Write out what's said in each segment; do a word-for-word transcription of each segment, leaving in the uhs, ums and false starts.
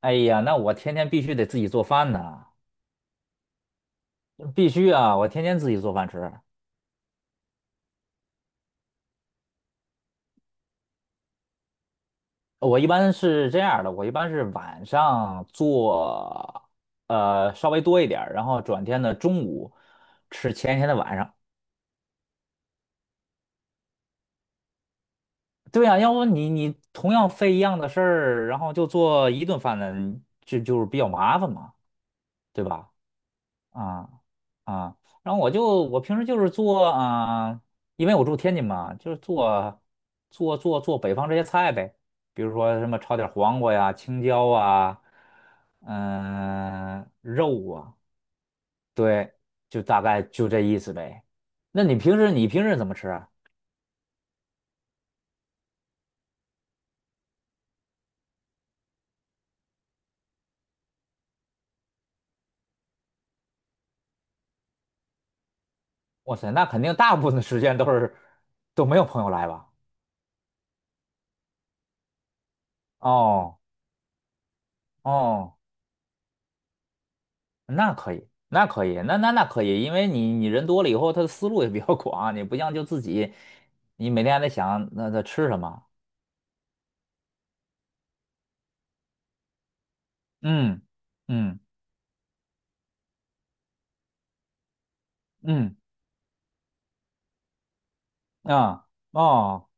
哎呀，那我天天必须得自己做饭呐，必须啊，我天天自己做饭吃。我一般是这样儿的，我一般是晚上做，呃，稍微多一点儿，然后转天的中午吃前一天的晚上。对呀，要不你你同样费一样的事儿，然后就做一顿饭呢，就就是比较麻烦嘛，对吧？啊啊，然后我就我平时就是做啊，因为我住天津嘛，就是做做做做北方这些菜呗，比如说什么炒点黄瓜呀、青椒啊，嗯、肉啊，对，就大概就这意思呗。那你平时你平时怎么吃啊？哇塞，那肯定大部分的时间都是都没有朋友来吧？哦哦，那可以，那可以，那那那可以，因为你你人多了以后，他的思路也比较 广，你不像就自己，你每天还得想那那吃什么，嗯嗯嗯，啊，哦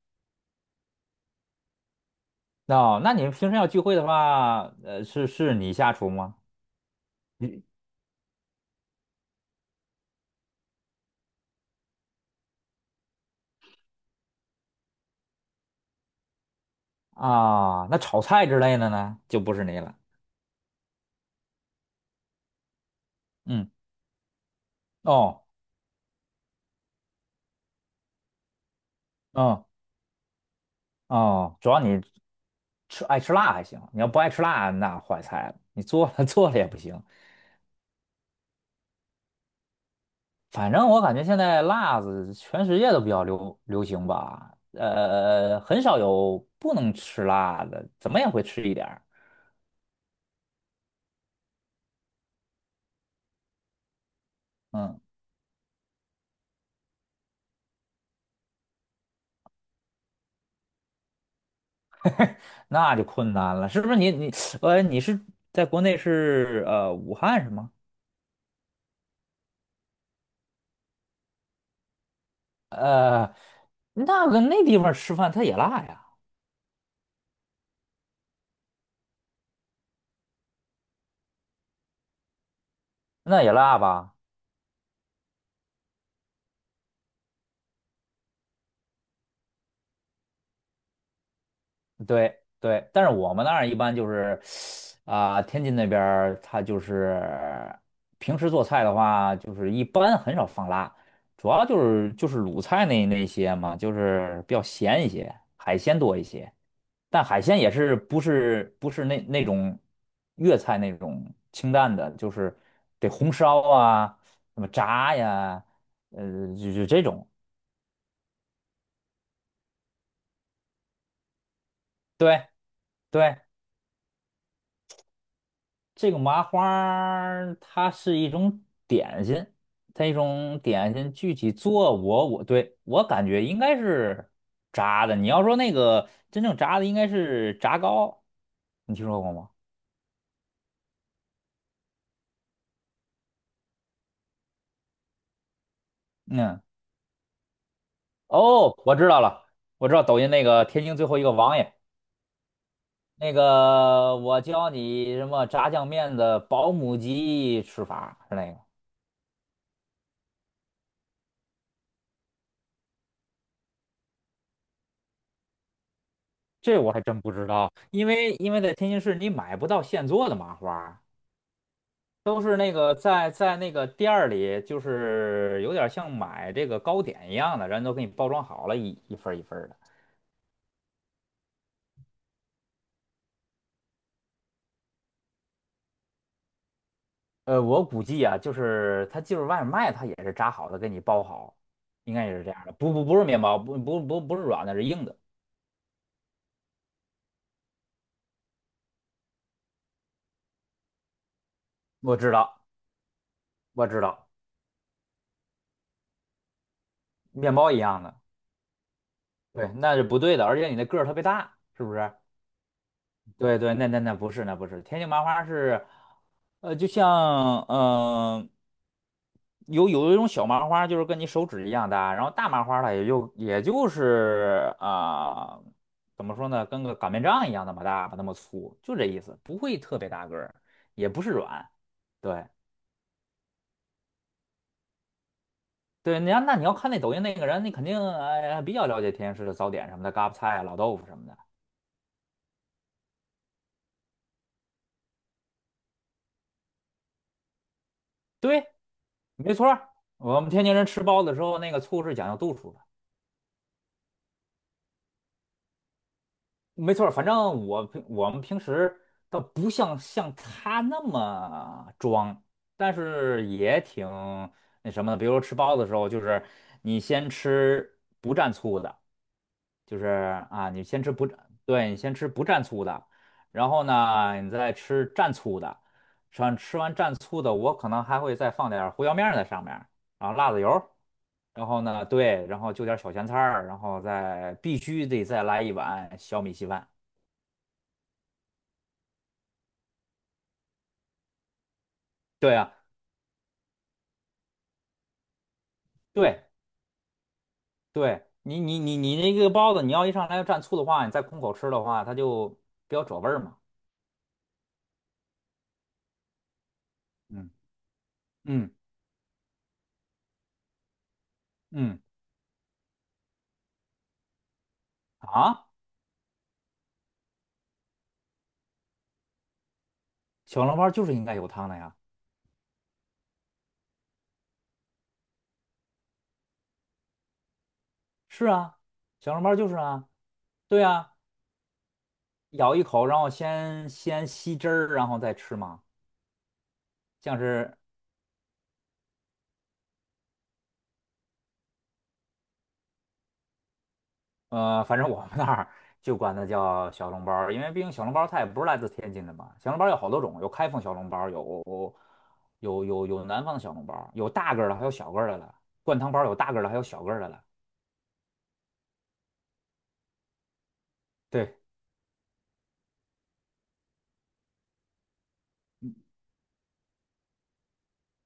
哦，那你们平时要聚会的话，呃，是是你下厨吗？你啊，那炒菜之类的呢，就不是你了，嗯哦哦哦，主要你吃爱吃辣还行，你要不爱吃辣，那坏菜了，你做了 做了也不行，反正我感觉现在辣子全世界都比较流流行吧，呃，很少有不能吃辣的，怎么也会吃一点儿。嗯，那就困难了，是不是你你呃你是在国内是呃武汉是吗？呃，那个那地方吃饭它也辣呀，那也辣吧？对对，但是我们那儿一般就是。啊，天津那边儿它就是平时做菜的话，就是一般很少放辣，主要就是就是鲁菜那那些嘛，就是比较咸一些，海鲜多一些。但海鲜也是不是不是那那种粤菜那种清淡的，就是得红烧啊，什么炸呀，呃，就就这种。对对，这个麻花儿它是一种点心，它一种点心，具体做我我对我感觉应该是炸的。你要说那个真正炸的，应该是炸糕，你听说过吗？嗯，哦，我知道了，我知道抖音那个天津最后一个王爷，那个我教你什么炸酱面的保姆级吃法是那个，这我还真不知道，因为因为在天津市你买不到现做的麻花。都是那个在在那个店儿里，就是有点像买这个糕点一样的，人都给你包装好了，一一份儿一份儿的。呃，我估计啊，就是他就是外面卖，他也是炸好的，给你包好，应该也是这样的。不不不是面包，不不不不是软的，是硬的。我知道，我知道，面包一样的。对，那是不对的，而且你的个儿特别大，是不是？对对，那那那不是，那不是。天津麻花是，呃，就像嗯。呃有有一种小麻花，就是跟你手指一样大，然后大麻花它也就也就是啊、怎么说呢，跟个擀面杖一样那么大吧，那么粗，就这意思，不会特别大个儿，也不是软。对对，你要那你要看那抖音那个人，你肯定哎比较了解天津市的早点什么的，嘎巴菜啊、老豆腐什么的。对，没错儿，我们天津人吃包子的时候，那个醋是讲究度数的。没错儿，反正我平我们平时倒不像像他那么装，但是也挺那什么的。比如说吃包子的时候，就是你先吃不蘸醋的，就是啊，你先吃不蘸，对，你先吃不蘸醋的，然后呢，你再吃蘸醋的，吃完吃完蘸醋的，我可能还会再放点儿胡椒面儿在上面儿，然后辣子油儿，然后呢，对，然后就点儿小咸菜儿，然后再必须得再来一碗小米稀饭。对啊。对对，你你你你那个包子，你要一上来要蘸醋的话，你再空口吃的话，它就比较褶味儿嘛。嗯嗯嗯，啊，小笼包就是应该有汤的呀。是啊，小笼包就是啊，对啊，咬一口，然后先先吸汁儿，然后再吃嘛，像是呃，反正我们那儿就管它叫小笼包儿，因为毕竟小笼包儿它也不是来自天津的嘛。小笼包儿有好多种，有开封小笼包儿有有有有南方的小笼包儿，有大个儿的，还有小个儿的了。灌汤包儿有大个儿的，还有小个儿的了。对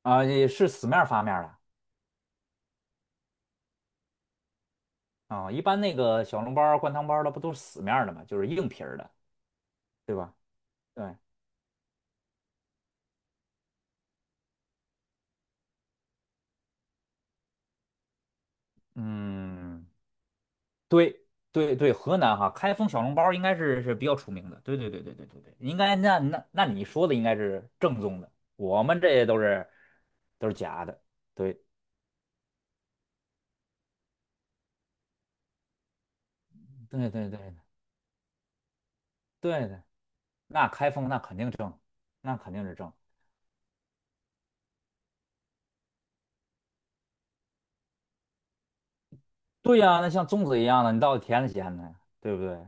啊，也是死面儿发面儿的啊。一般那个小笼包儿灌汤包儿的不都是死面儿的嘛，就是硬皮儿的，对吧？对，嗯。对对对，河南哈，开封小笼包应该是是比较出名的。对对对对对对对，应该那那那你说的应该是正宗的，我们这都是都是假的。对对对对对的，那开封那肯定正，那肯定是正。对呀，那像粽子一样的，你到底甜的咸的呀，对不对？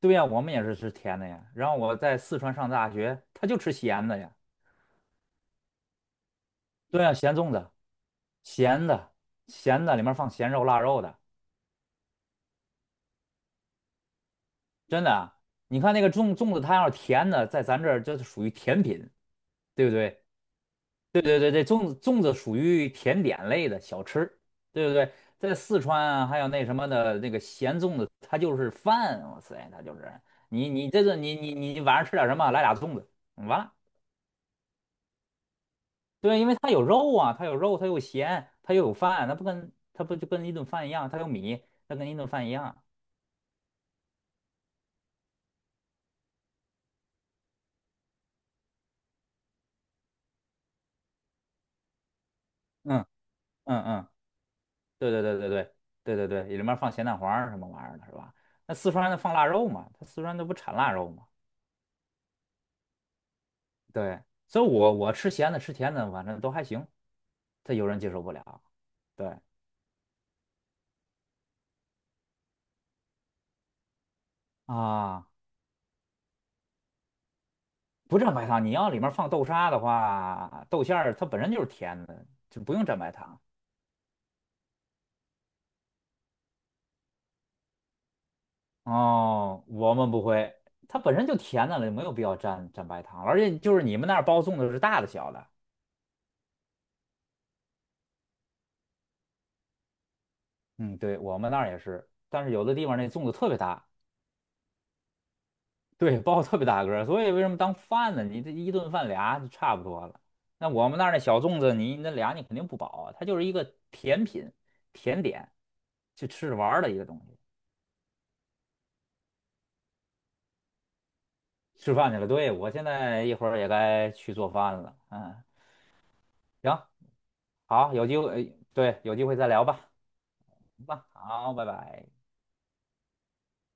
对呀，我们也是吃甜的呀。然后我在四川上大学，他就吃咸的呀。对呀，咸粽子，咸的咸的里面放咸肉腊肉的。真的啊，你看那个粽粽子，它要是甜的，在咱这儿就是属于甜品，对不对？对对对对，粽子粽子属于甜点类的小吃，对不对？在四川啊，还有那什么的那个咸粽子，它就是饭，哇塞，它就是你你这个你你你晚上吃点什么，来俩粽子，嗯完了。对，因为它有肉啊，它有肉，它有咸，它又有饭，它不跟它不就跟一顿饭一样，它有米，它跟一顿饭一样。嗯嗯嗯。对对对对对对对对，里面放咸蛋黄儿什么玩意儿的，是吧？那四川的放腊肉嘛，它四川那不产腊肉嘛？对，所以我我吃咸的吃甜的，反正都还行。他有人接受不了，对啊，不蘸白糖，你要里面放豆沙的话，豆馅儿它本身就是甜的，就不用蘸白糖。哦，我们不会，它本身就甜的了，没有必要蘸蘸白糖。而且就是你们那儿包粽子是大的小的，嗯，对，我们那儿也是，但是有的地方那粽子特别大，对，包特别大个儿，所以为什么当饭呢？你这一顿饭俩就差不多了。那我们那儿那小粽子，你那俩你肯定不饱啊，它就是一个甜品、甜点，去吃着玩儿的一个东西。吃饭去了，对，我现在一会儿也该去做饭了。嗯，行，好，有机会，哎对，有机会再聊吧。行吧，好，拜拜。